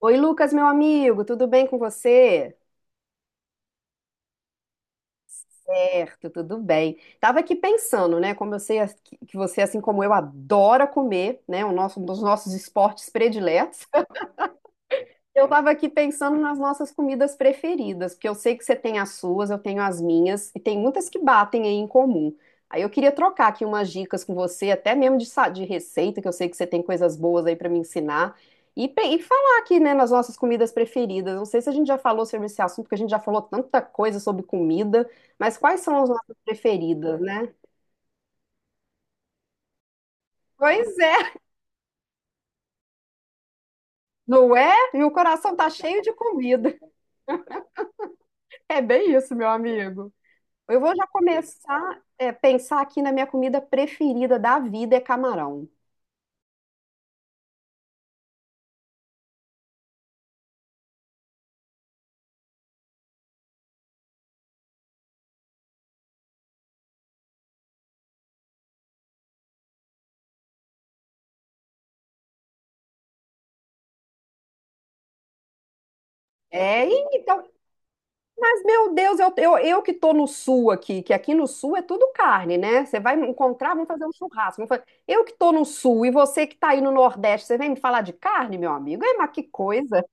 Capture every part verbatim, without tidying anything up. Oi, Lucas, meu amigo, tudo bem com você? Certo, tudo bem. Tava aqui pensando, né? Como eu sei as- que que você, assim como eu, adora comer, né? O nosso, um dos nossos esportes prediletos. Eu estava aqui pensando nas nossas comidas preferidas, porque eu sei que você tem as suas, eu tenho as minhas, e tem muitas que batem aí em comum. Aí eu queria trocar aqui umas dicas com você, até mesmo de, sa- de receita, que eu sei que você tem coisas boas aí para me ensinar, e, pe- e falar aqui, né, nas nossas comidas preferidas. Não sei se a gente já falou sobre esse assunto, porque a gente já falou tanta coisa sobre comida, mas quais são as nossas preferidas, né? Pois é, não é? Meu coração tá cheio de comida. É bem isso, meu amigo. Eu vou já começar a pensar aqui na minha comida preferida da vida é camarão. É, e então, mas meu Deus, eu, eu, eu que tô no sul aqui, que aqui no sul é tudo carne, né? Você vai me encontrar, vamos fazer um churrasco. vamos fazer- Eu que tô no sul e você que tá aí no Nordeste, você vem me falar de carne, meu amigo? É, mas que coisa!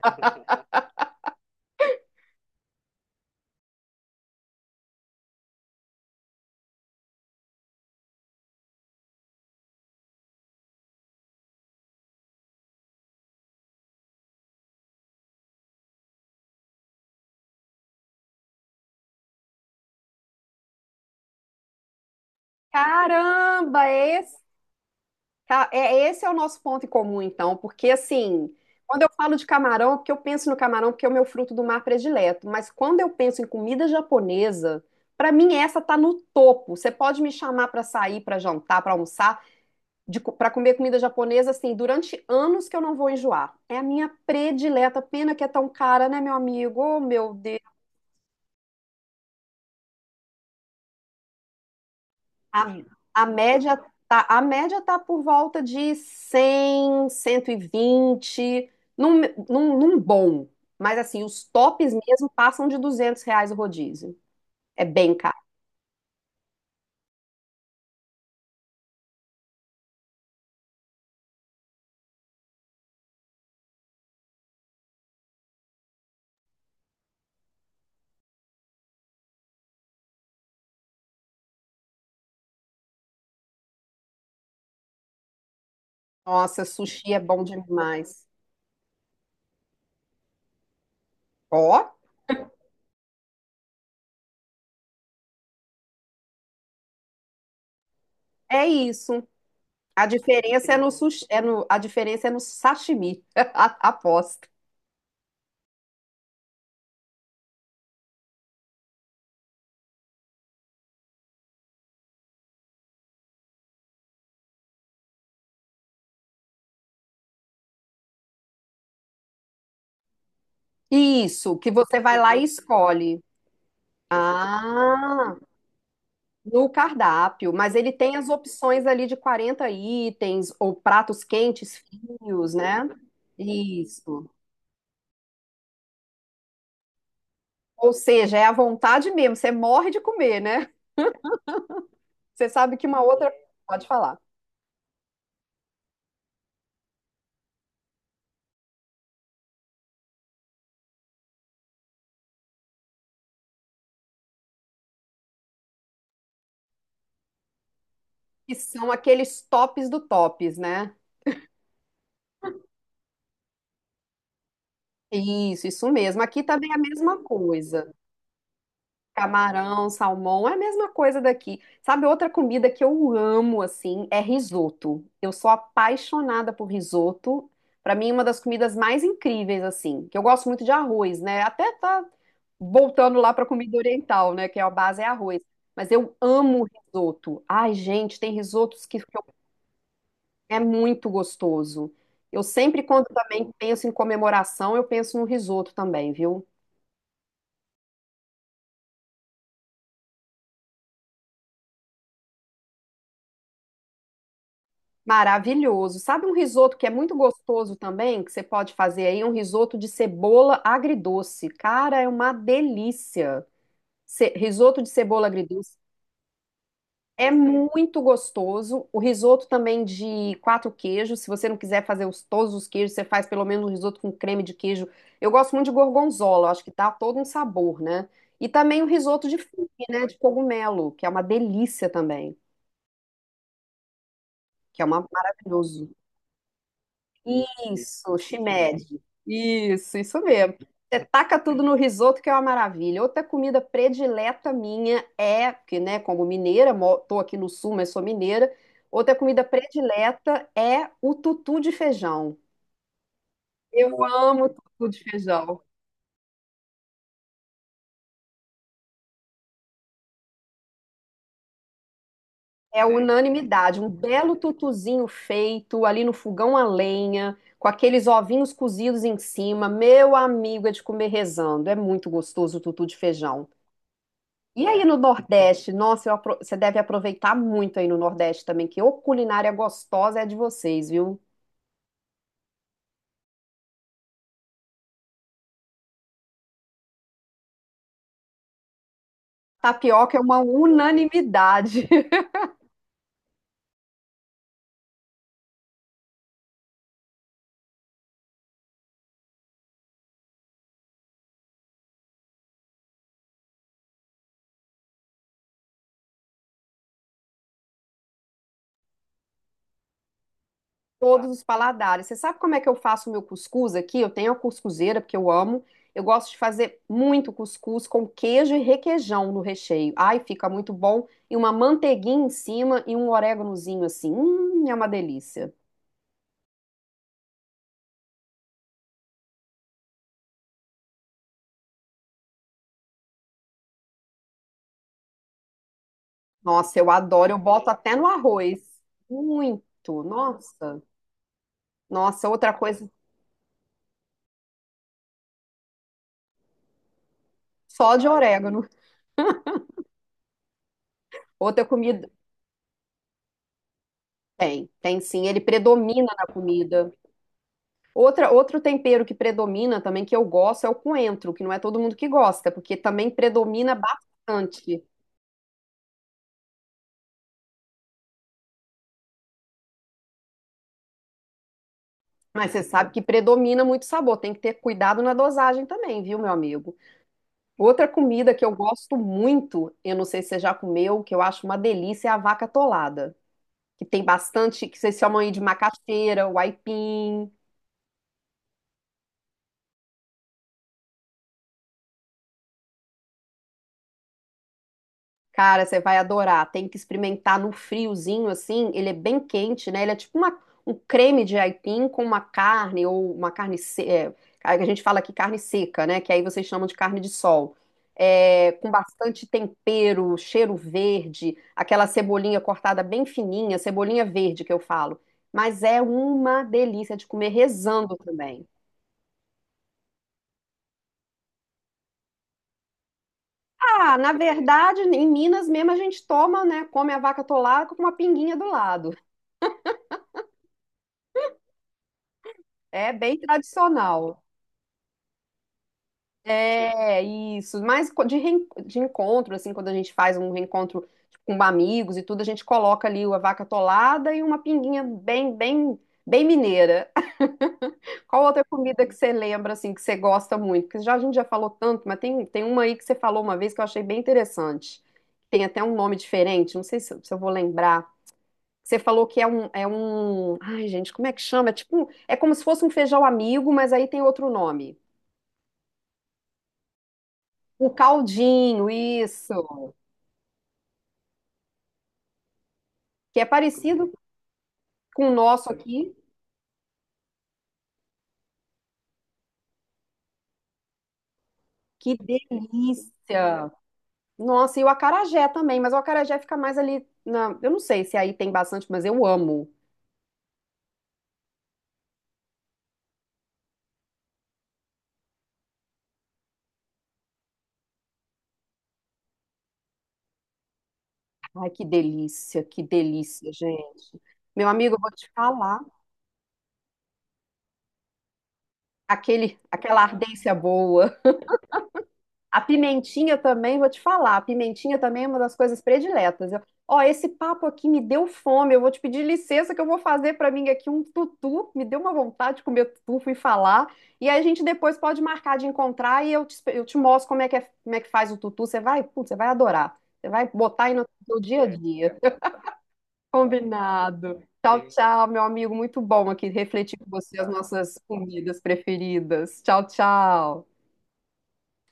Caramba, é. Tá, é, esse é o nosso ponto em comum, então, porque assim, quando eu falo de camarão, é porque eu penso no camarão, porque é o meu fruto do mar predileto, mas quando eu penso em comida japonesa, pra mim essa tá no topo. Você pode me chamar pra sair, pra jantar, pra almoçar, de, co- pra comer comida japonesa, assim, durante anos que eu não vou enjoar. É a minha predileta, pena que é tão cara, né, meu amigo? Oh, meu Deus. A, a média tá, a média tá por volta de cem, cento e vinte num, num, num bom. Mas assim, os tops mesmo passam de duzentos reais o rodízio. É bem caro. Nossa, sushi é bom demais. Ó, é isso. A diferença é no sushi, é no, a diferença é no sashimi. Aposto. Isso, que você vai lá e escolhe. Ah, no cardápio, mas ele tem as opções ali de quarenta itens, ou pratos quentes, frios, né? Isso. Ou seja, é à vontade mesmo, você morre de comer, né? Você sabe que uma outra. Pode falar. Que são aqueles tops do tops, né? Isso, isso mesmo. Aqui também é a mesma coisa. Camarão, salmão, é a mesma coisa daqui. Sabe, outra comida que eu amo, assim, é risoto. Eu sou apaixonada por risoto. Pra mim, é uma das comidas mais incríveis, assim, que eu gosto muito de arroz, né? Até tá voltando lá pra comida oriental, né? Que é a base é arroz. Mas eu amo risoto. Ai, gente, tem risotos que que eu- é muito gostoso. Eu sempre, quando também penso em comemoração, eu penso no risoto também, viu? Maravilhoso. Sabe um risoto que é muito gostoso também, que você pode fazer aí? Um risoto de cebola agridoce. Cara, é uma delícia. Ce- risoto de cebola agridoce é muito gostoso. O risoto também de quatro queijos. Se você não quiser fazer os, todos os queijos, você faz pelo menos um risoto com creme de queijo. Eu gosto muito de gorgonzola, eu acho que dá todo um sabor, né? E também o risoto de figue, né? De cogumelo, que é uma delícia também, que é uma maravilhoso. Isso, shimeji. Isso, isso mesmo. Uhum. Você taca tudo no risoto, que é uma maravilha. Outra comida predileta minha é, porque, né, como mineira, mo- tô aqui no sul, mas sou mineira. Outra comida predileta é o tutu de feijão. Eu amo tutu de feijão. É unanimidade, um belo tutuzinho feito ali no fogão a lenha, com aqueles ovinhos cozidos em cima. Meu amigo, é de comer rezando. É muito gostoso o tutu de feijão. E aí no Nordeste, nossa, eu apro- você deve aproveitar muito aí no Nordeste também, que ô culinária gostosa é a de vocês, viu? Tapioca é uma unanimidade, todos os paladares. Você sabe como é que eu faço o meu cuscuz aqui? Eu tenho a cuscuzeira, porque eu amo. Eu gosto de fazer muito cuscuz com queijo e requeijão no recheio. Ai, fica muito bom. E uma manteiguinha em cima e um oréganozinho assim. Hum, é uma delícia. Nossa, eu adoro. Eu boto até no arroz. Muito. Nossa. Nossa, outra coisa. Só de orégano. Outra comida. Tem, tem sim. Ele predomina na comida. Outra, outro tempero que predomina também, que eu gosto, é o coentro, que não é todo mundo que gosta, porque também predomina bastante. Mas você sabe que predomina muito sabor, tem que ter cuidado na dosagem também, viu, meu amigo? Outra comida que eu gosto muito, eu não sei se você já comeu, que eu acho uma delícia, é a vaca atolada, que tem bastante, que vocês chamam aí de macaxeira, o aipim. Cara, você vai adorar. Tem que experimentar no friozinho assim. Ele é bem quente, né? Ele é tipo uma- um creme de aipim com uma carne ou uma carne se- é, a gente fala aqui carne seca, né? Que aí vocês chamam de carne de sol. É, com bastante tempero, cheiro verde, aquela cebolinha cortada bem fininha, cebolinha verde que eu falo. Mas é uma delícia de comer rezando também. Ah, na verdade, em Minas mesmo a gente toma, né? Come a vaca atolada com uma pinguinha do lado. É bem tradicional. É isso. Mas co- de, reen- de encontro, assim, quando a gente faz um reencontro tipo, com amigos e tudo, a gente coloca ali a vaca atolada e uma pinguinha bem, bem, bem mineira. Qual outra comida que você lembra, assim, que você gosta muito? Porque já, a gente já falou tanto, mas tem, tem uma aí que você falou uma vez que eu achei bem interessante. Tem até um nome diferente, não sei se, eu se eu vou lembrar. Você falou que é um, é um. Ai, gente, como é que chama? É tipo, um- é como se fosse um feijão amigo, mas aí tem outro nome. O caldinho, isso. Que é parecido com o nosso aqui, que delícia. Nossa, e o acarajé também, mas o acarajé fica mais ali na, eu não sei se aí tem bastante, mas eu amo. Ai, que delícia, que delícia, gente. Meu amigo, eu vou te falar, aquele aquela ardência boa. A pimentinha também, vou te falar, a pimentinha também é uma das coisas prediletas. Eu, ó, esse papo aqui me deu fome, eu vou te pedir licença que eu vou fazer para mim aqui um tutu, me deu uma vontade de comer tutu, fui falar. E aí a gente depois pode marcar de encontrar e eu te, espe- eu te mostro como é que, é- como é que faz o tutu, você vai, putz, você vai adorar. Você vai botar aí no seu dia a dia. Combinado. Tchau, tchau, meu amigo, muito bom aqui refletir com você as nossas comidas preferidas. Tchau, tchau.